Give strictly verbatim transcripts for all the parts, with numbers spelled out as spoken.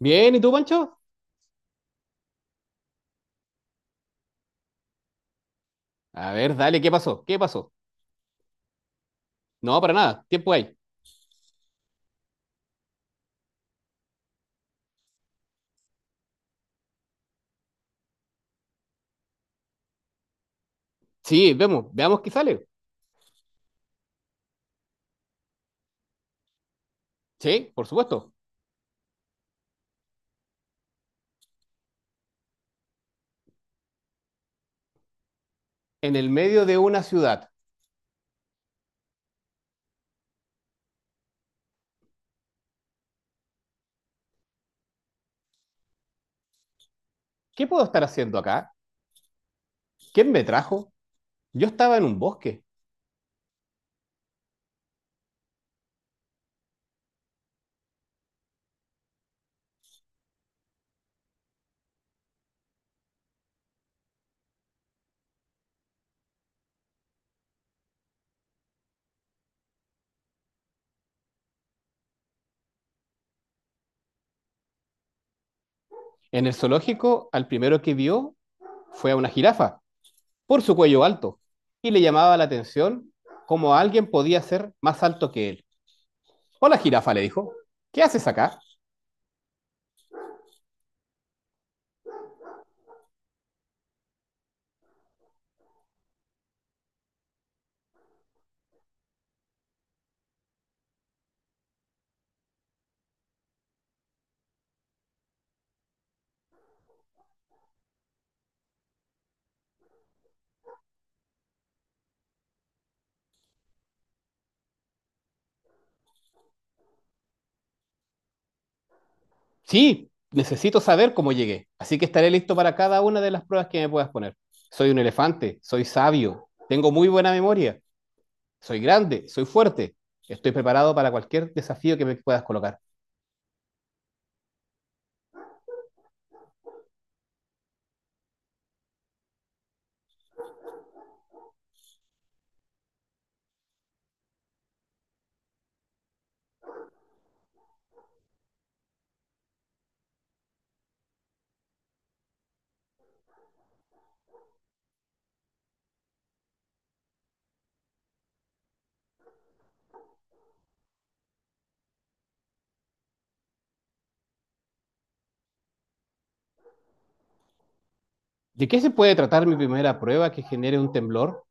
Bien, ¿y tú, Pancho? A ver, dale, ¿qué pasó? ¿Qué pasó? No, para nada, tiempo hay. Sí, vemos, veamos qué sale. Sí, por supuesto. En el medio de una ciudad. ¿Qué puedo estar haciendo acá? ¿Quién me trajo? Yo estaba en un bosque. En el zoológico, al primero que vio fue a una jirafa, por su cuello alto, y le llamaba la atención cómo alguien podía ser más alto que él. Hola, jirafa, le dijo. ¿Qué haces acá? Sí, necesito saber cómo llegué. Así que estaré listo para cada una de las pruebas que me puedas poner. Soy un elefante, soy sabio, tengo muy buena memoria, soy grande, soy fuerte. Estoy preparado para cualquier desafío que me puedas colocar. ¿De qué se puede tratar mi primera prueba que genere un temblor?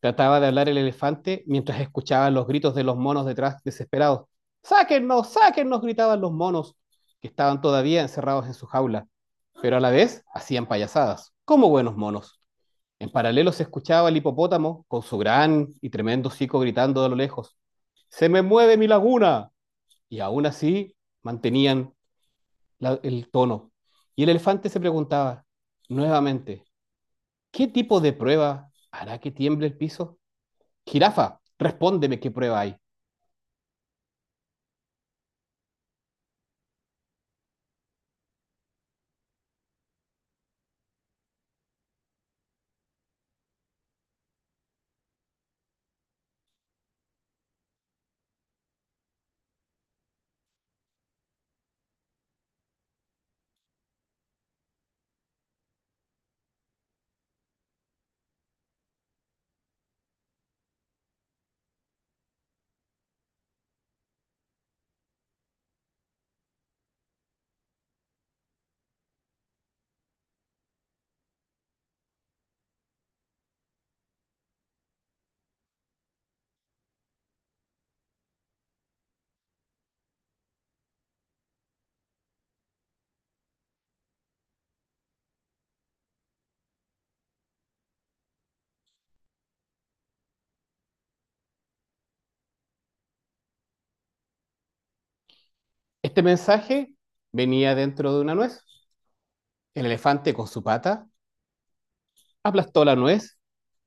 Trataba de hablar el elefante mientras escuchaba los gritos de los monos detrás desesperados. ¡Sáquennos! ¡Sáquennos! Gritaban los monos, que estaban todavía encerrados en su jaula, pero a la vez hacían payasadas, como buenos monos. En paralelo se escuchaba el hipopótamo con su gran y tremendo hocico gritando de lo lejos, ¡se me mueve mi laguna! Y aún así mantenían la- el tono. Y el elefante se preguntaba nuevamente, ¿qué tipo de prueba hará que tiemble el piso? Jirafa, respóndeme qué prueba hay. Este mensaje venía dentro de una nuez. El elefante con su pata aplastó la nuez,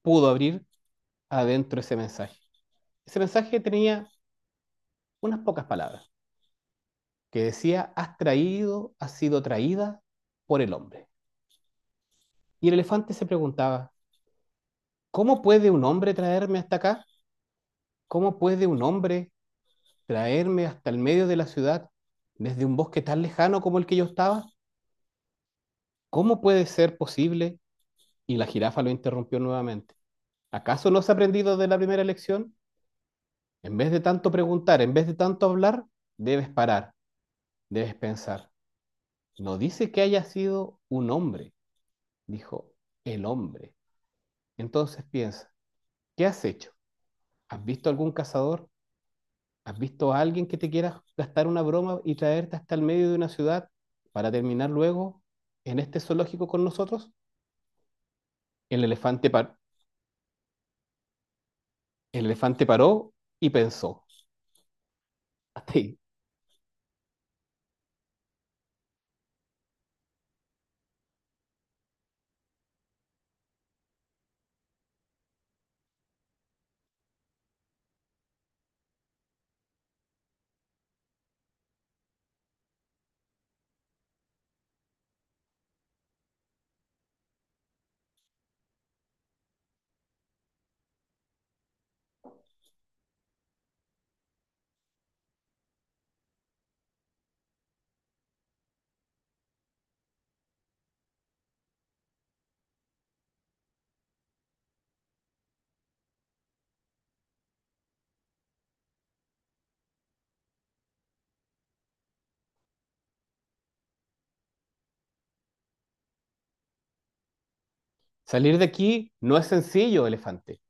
pudo abrir adentro ese mensaje. Ese mensaje tenía unas pocas palabras. Que decía, has traído, has sido traída por el hombre. Y el elefante se preguntaba, ¿cómo puede un hombre traerme hasta acá? ¿Cómo puede un hombre traerme hasta el medio de la ciudad desde un bosque tan lejano como el que yo estaba? ¿Cómo puede ser posible? Y la jirafa lo interrumpió nuevamente. ¿Acaso no has aprendido de la primera lección? En vez de tanto preguntar, en vez de tanto hablar, debes parar, debes pensar. No dice que haya sido un hombre, dijo el hombre. Entonces piensa, ¿qué has hecho? ¿Has visto algún cazador? ¿Has visto a alguien que te quiera gastar una broma y traerte hasta el medio de una ciudad para terminar luego en este zoológico con nosotros? El elefante, par- el elefante paró y pensó, hasta ahí. Salir de aquí no es sencillo, elefante.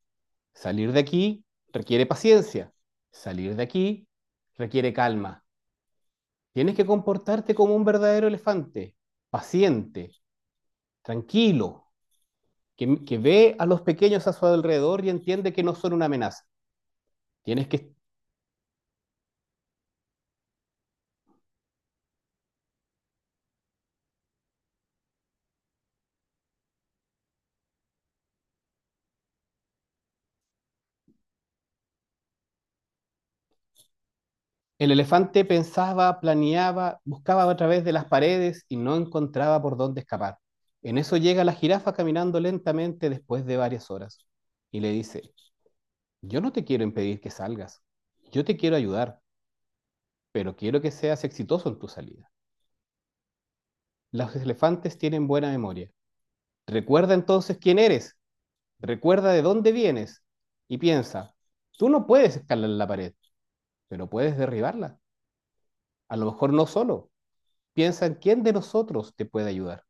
Salir de aquí requiere paciencia. Salir de aquí requiere calma. Tienes que comportarte como un verdadero elefante, paciente, tranquilo, que, que ve a los pequeños a su alrededor y entiende que no son una amenaza. Tienes que... El elefante pensaba, planeaba, buscaba a través de las paredes y no encontraba por dónde escapar. En eso llega la jirafa caminando lentamente después de varias horas y le dice, yo no te quiero impedir que salgas, yo te quiero ayudar, pero quiero que seas exitoso en tu salida. Los elefantes tienen buena memoria. Recuerda entonces quién eres, recuerda de dónde vienes y piensa, tú no puedes escalar la pared, pero puedes derribarla. A lo mejor no solo. Piensa en quién de nosotros te puede ayudar.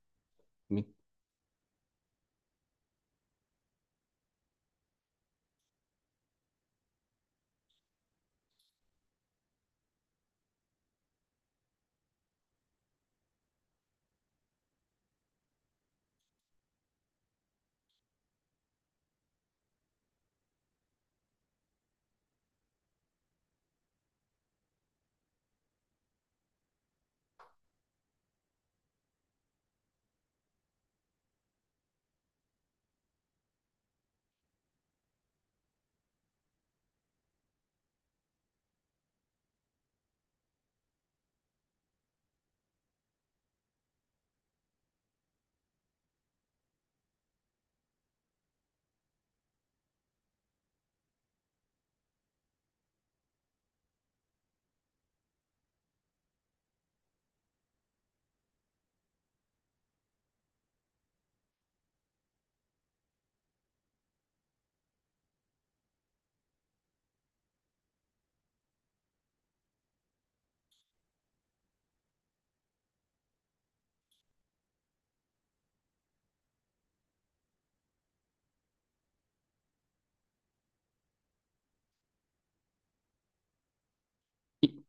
Y,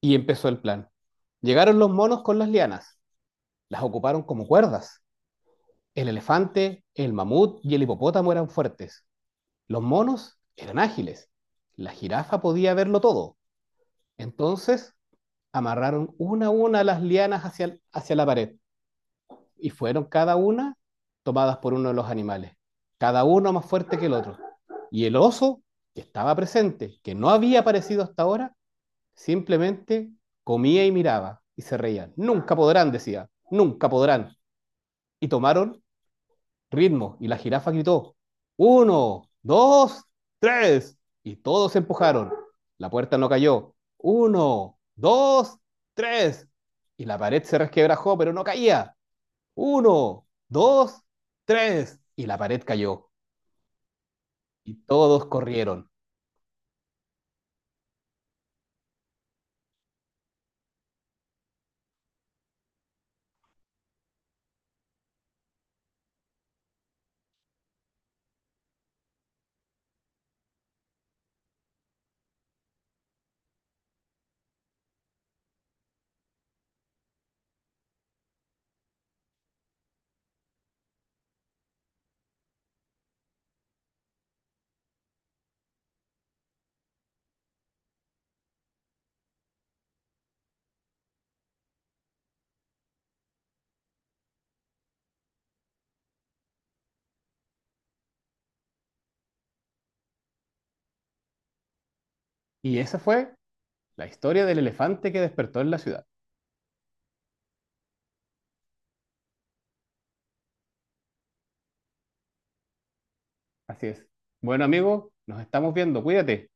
y empezó el plan. Llegaron los monos con las lianas. Las ocuparon como cuerdas. El elefante, el mamut y el hipopótamo eran fuertes. Los monos eran ágiles. La jirafa podía verlo todo. Entonces amarraron una a una las lianas hacia, hacia la pared. Y fueron cada una tomadas por uno de los animales, cada uno más fuerte que el otro. Y el oso, que estaba presente, que no había aparecido hasta ahora, simplemente comía y miraba y se reían. Nunca podrán, decía, nunca podrán. Y tomaron ritmo y la jirafa gritó, uno, dos, tres. Y todos se empujaron. La puerta no cayó. Uno, dos, tres. Y la pared se resquebrajó, pero no caía. Uno, dos, tres. Y la pared cayó. Y todos corrieron. Y esa fue la historia del elefante que despertó en la ciudad. Así es. Bueno, amigo, nos estamos viendo. Cuídate.